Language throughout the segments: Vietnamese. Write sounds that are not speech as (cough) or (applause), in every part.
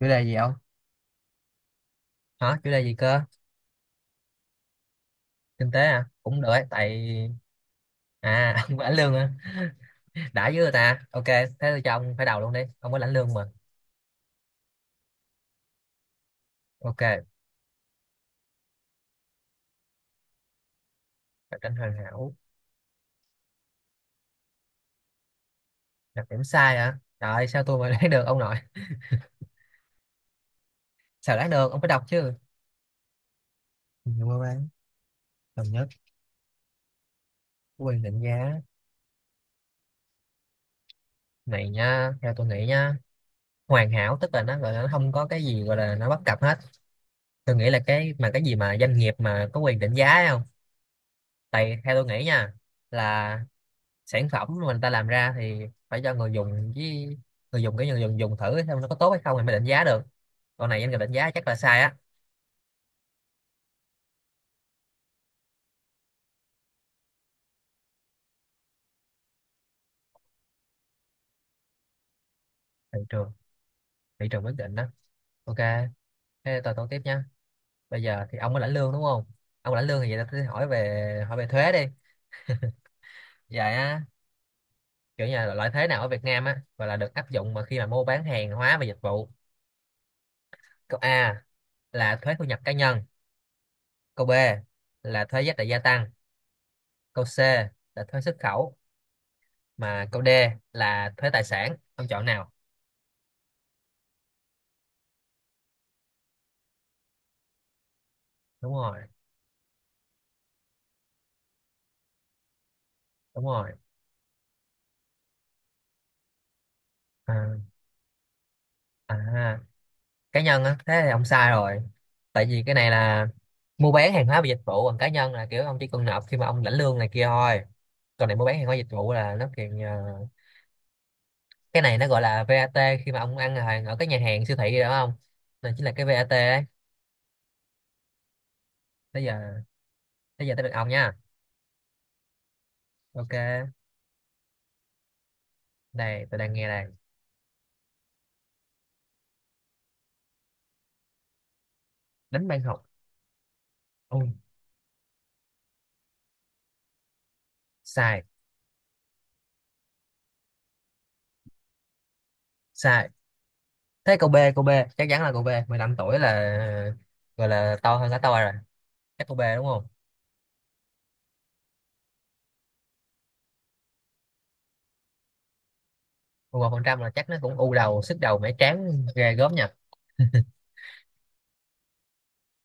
Chủ đề gì không? Hả, chủ đề gì cơ? Kinh tế à, cũng được ấy. Tại à, (laughs) ông lãnh lương à. Đã với người ta, ok, thế tôi cho ông phải đầu luôn đi, ông có lãnh lương mà. Ok, cạnh tranh hoàn hảo. Đặc điểm sai hả, trời ơi, sao tôi mà (laughs) đoán được ông nội. Sao đoán được, ông phải đọc chứ. Nhiều mua bán. Đồng nhất. Quyền định giá. Này nha, theo tôi nghĩ nha, hoàn hảo tức là nó gọi là nó không có cái gì gọi là nó bất cập hết. Tôi nghĩ là cái mà cái gì mà doanh nghiệp mà có quyền định giá ấy không. Tại theo tôi nghĩ nha, là sản phẩm mà người ta làm ra thì phải cho người dùng với người dùng, cái người dùng dùng thử xem nó có tốt hay không thì mới định giá được. Còn này anh định giá chắc là sai á. Thị trường, thị trường quyết định đó. Ok, thế tôi tiếp nha. Bây giờ thì ông có lãnh lương đúng không? Ông lãnh lương thì vậy tôi hỏi về thuế đi. Vậy á, kiểu như là loại thuế nào ở Việt Nam á, gọi là được áp dụng mà khi mà mua bán hàng hóa và dịch vụ. Câu A là thuế thu nhập cá nhân. Câu B là thuế giá trị gia tăng. Câu C là thuế xuất khẩu. Mà câu D là thuế tài sản. Ông chọn nào? Đúng rồi, đúng rồi. À, à, cá nhân á, thế thì ông sai rồi. Tại vì cái này là mua bán hàng hóa và dịch vụ, còn cá nhân là kiểu ông chỉ cần nộp khi mà ông lãnh lương này kia thôi. Còn này mua bán hàng hóa dịch vụ là nó kiện cái này nó gọi là VAT, khi mà ông ăn hàng ở các nhà hàng siêu thị rồi đúng không, này chính là cái VAT ấy. Bây giờ, bây giờ tới được ông nha. Ok, đây tôi đang nghe đây. Đánh ban học. Ôi, sai, sai. Thế câu B, câu B, chắc chắn là câu B. 15 tuổi là gọi là to hơn cả tôi rồi. Chắc câu B đúng không? 1% là chắc nó cũng u đầu sức đầu mẻ trán ghê gớm nha.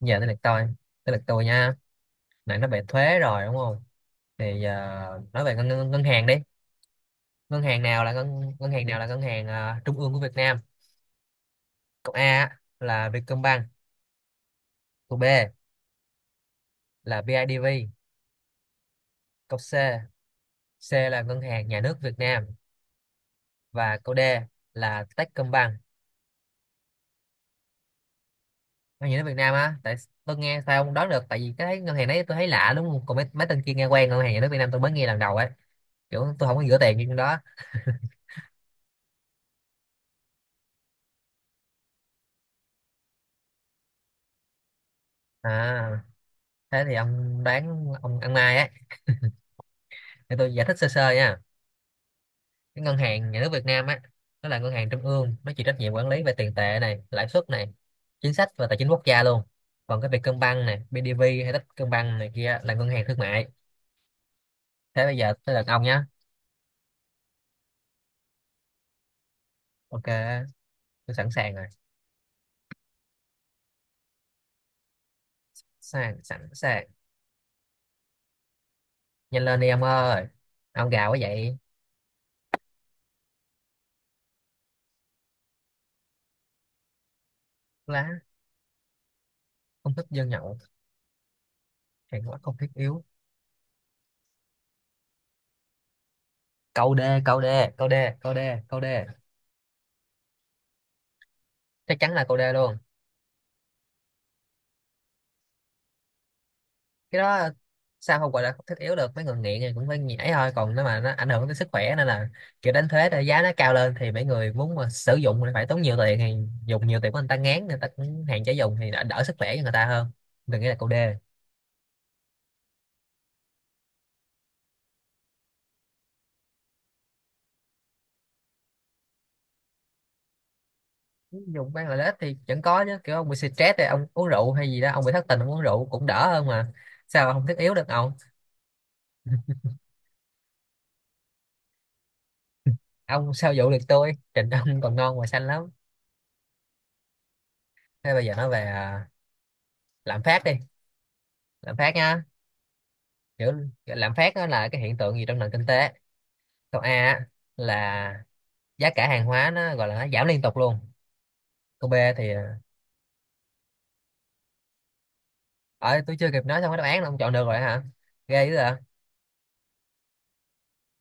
Giờ tới lượt tôi. Tới lượt tôi nha. Nãy nó về thuế rồi đúng không? Thì giờ nói về ngân, ngân, ngân hàng đi. Ngân hàng nào là ngân, ngân hàng nào là ngân hàng trung ương của Việt Nam? Câu A là Vietcombank. Câu B là BIDV. Câu C, C là ngân hàng nhà nước Việt Nam. Và câu D là Techcombank. Ngân nhà nước Việt Nam á. Tại tôi nghe sao không đoán được, tại vì cái ngân hàng đấy tôi thấy lạ đúng không, còn mấy, mấy tên kia nghe quen. Ngân hàng nhà nước Việt Nam tôi mới nghe lần đầu ấy, kiểu tôi không có gửi tiền như trong đó. À, thế thì ông đoán ông ăn Mai á. Để tôi giải thích sơ sơ nha. Cái ngân hàng nhà nước Việt Nam á, nó là ngân hàng trung ương, nó chịu trách nhiệm quản lý về tiền tệ này, lãi suất này, chính sách và tài chính quốc gia luôn. Còn cái Vietcombank này, BIDV hay Techcombank này kia là ngân hàng thương mại. Thế bây giờ tới lượt ông nhá. Ok, tôi sẵn sàng rồi. Sẵn sẵn sàng. Nhanh lên đi ông ơi, ông gào quá vậy. Lá. Không thích dân nhậu. Hàng hóa không thiết yếu. Câu D, câu D, câu D, câu D, câu D, chắc chắn là câu D luôn. Cái đó sao không gọi là không thiết yếu được, mấy người nghiện thì cũng phải nhảy thôi. Còn nếu mà nó ảnh hưởng tới sức khỏe nên là kiểu đánh thuế là giá nó cao lên thì mấy người muốn mà sử dụng thì phải tốn nhiều tiền, thì dùng nhiều tiền của người ta ngán, người ta cũng hạn chế dùng thì đã đỡ sức khỏe cho người ta hơn. Đừng nghĩ là câu đê. Dùng bán lợi ích thì vẫn có chứ, kiểu ông bị stress thì ông uống rượu, hay gì đó ông bị thất tình ông uống rượu cũng đỡ hơn mà. Sao mà không thiết yếu được ông. (laughs) Ông sao dụ được tôi, trình ông còn ngon và xanh lắm. Thế bây giờ nói về lạm phát đi, lạm phát nha. Kiểu lạm phát đó là cái hiện tượng gì trong nền kinh tế. Câu A á, là giá cả hàng hóa nó gọi là nó giảm liên tục luôn. Câu B thì ở tôi chưa kịp nói xong cái đáp án là ông chọn được rồi hả, ghê dữ à.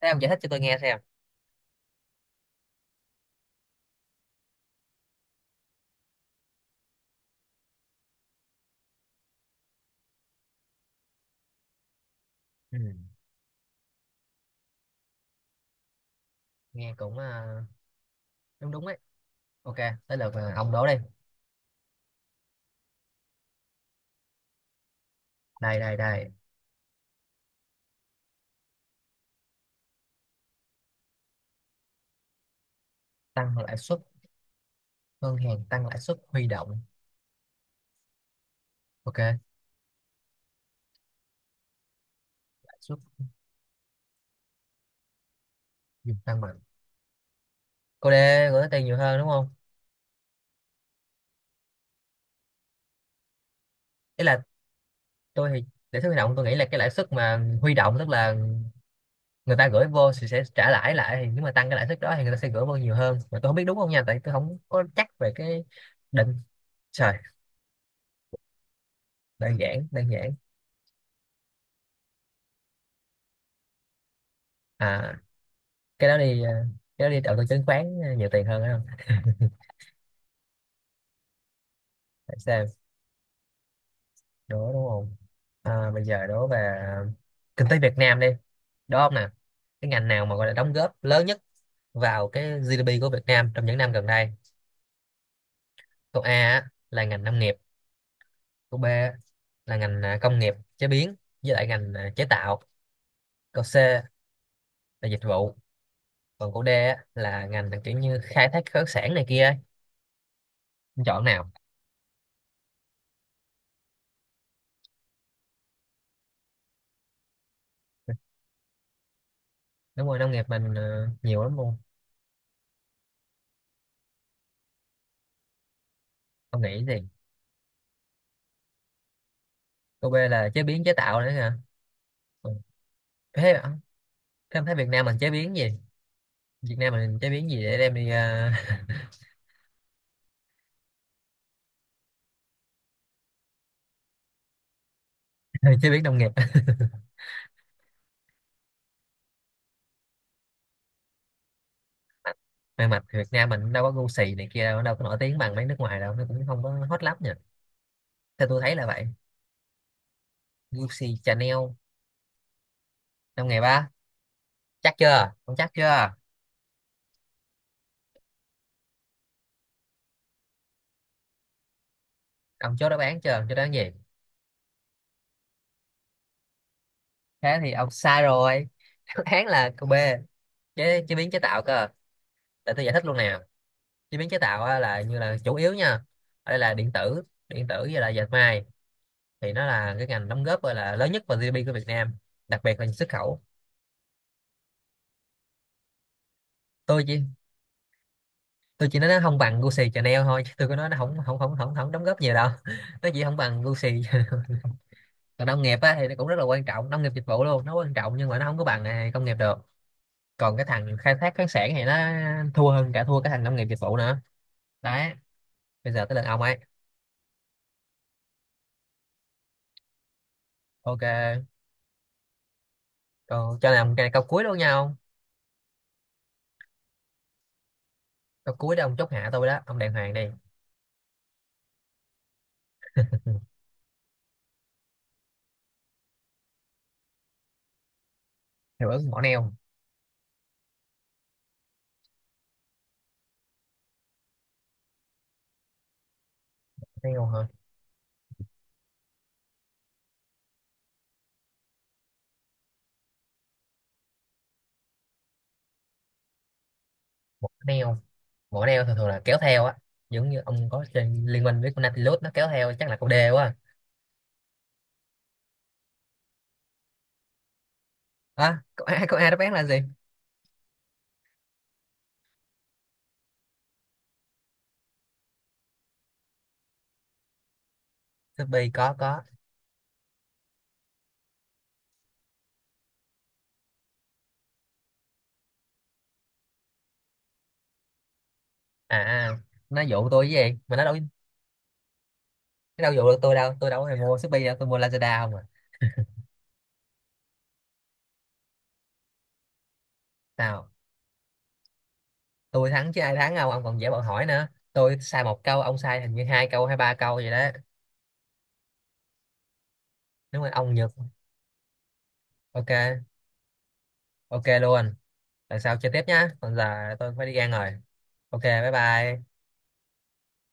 Thế ông giải thích cho tôi nghe xem. Ừ. Nghe cũng đúng đúng ấy. Ok, tới lượt ông đố đi. Đây, đây, đây. Tăng lãi suất, ngân hàng tăng lãi suất huy động. Ok, lãi suất. Dùng tăng mạnh. Cô D, gửi tiền nhiều hơn đúng không? Ý là tôi thì lãi suất huy động tôi nghĩ là cái lãi suất mà huy động, tức là người ta gửi vô thì sẽ trả lãi lại, thì nếu mà tăng cái lãi suất đó thì người ta sẽ gửi vô nhiều hơn. Mà tôi không biết đúng không nha, tại tôi không có chắc về cái định. Trời. Đơn giản, đơn giản. À, cái đó đi cái đó đi đầu tư chứng khoán nhiều tiền hơn phải không? Để xem. Đố đúng không? Bây giờ đố về kinh tế Việt Nam đi. Đó không nè. Cái ngành nào mà gọi là đóng góp lớn nhất vào cái GDP của Việt Nam trong những năm gần đây? Câu A á, là ngành nông nghiệp. Câu B á, là ngành công nghiệp chế biến với lại ngành chế tạo. Câu C là dịch vụ. Còn cô D á, là ngành là kiểu như khai thác khoáng sản này kia ấy. Em chọn nào? Đúng rồi, nông nghiệp mình nhiều lắm luôn. Ông nghĩ gì? Cô B là chế biến chế tạo nữa hả? Ừ. Thế hả? Thế em thấy Việt Nam mình chế biến gì? Việt Nam mình chế biến gì để đem đi (laughs) chế biến nông nghiệp. May mặt thì Việt Nam mình đâu có gu xì này kia đâu, đâu có nổi tiếng bằng mấy nước ngoài đâu, nó cũng không có hot lắm nhỉ. Theo tôi thấy là vậy. Gu xì Chanel. Trong ngày ba, chắc chưa ông, chắc chưa? Ông chốt đáp án chưa, ông chốt đáp án gì? Thế thì ông sai rồi. (laughs) Đáp án là cô B, chế, chế biến chế tạo cơ. Để tôi giải thích luôn nè. Chế biến chế tạo á, là như là chủ yếu nha, ở đây là điện tử, điện tử với là dệt may, thì nó là cái ngành đóng góp gọi là lớn nhất vào GDP của Việt Nam, đặc biệt là xuất khẩu. Tôi chỉ tôi chỉ nói nó không bằng Gucci Chanel thôi, chứ tôi có nói nó không không không không không đóng góp nhiều đâu. (laughs) Nó chỉ không bằng Gucci. (laughs) Còn nông nghiệp á, thì nó cũng rất là quan trọng, nông nghiệp dịch vụ luôn nó quan trọng, nhưng mà nó không có bằng công nghiệp được. Còn cái thằng khai thác khoáng sản thì nó thua, hơn cả thua cái thằng nông nghiệp dịch vụ nữa. Đấy, bây giờ tới lượt ông ấy. Ok, còn cho làm cái câu cuối luôn nha ông. Câu cuối đó, ông chốt hạ tôi đó, ông đàng hoàng đi. Hiệu ứng mỏ neo. Neo hả? Mỏ neo, mỏ neo thường thường là kéo theo á, giống như ông có trên liên minh với con Nautilus nó kéo theo. Chắc là câu D quá. À câu A, câu A đáp án là gì? Shopee có, có. À, à, nó dụ tôi với gì mà nó đâu. Nó đâu dụ được tôi đâu, tôi đâu có hề mua Shopee đâu, tôi mua Lazada không à. Nào. Tôi thắng chứ ai thắng, không ông còn dễ bọn hỏi nữa, tôi sai một câu, ông sai hình như hai câu hay ba câu vậy đó. Đúng rồi ông nhược. Ok. Ok luôn. Lần sau chơi tiếp nhá, còn giờ tôi phải đi ăn rồi. Ok, bye bye.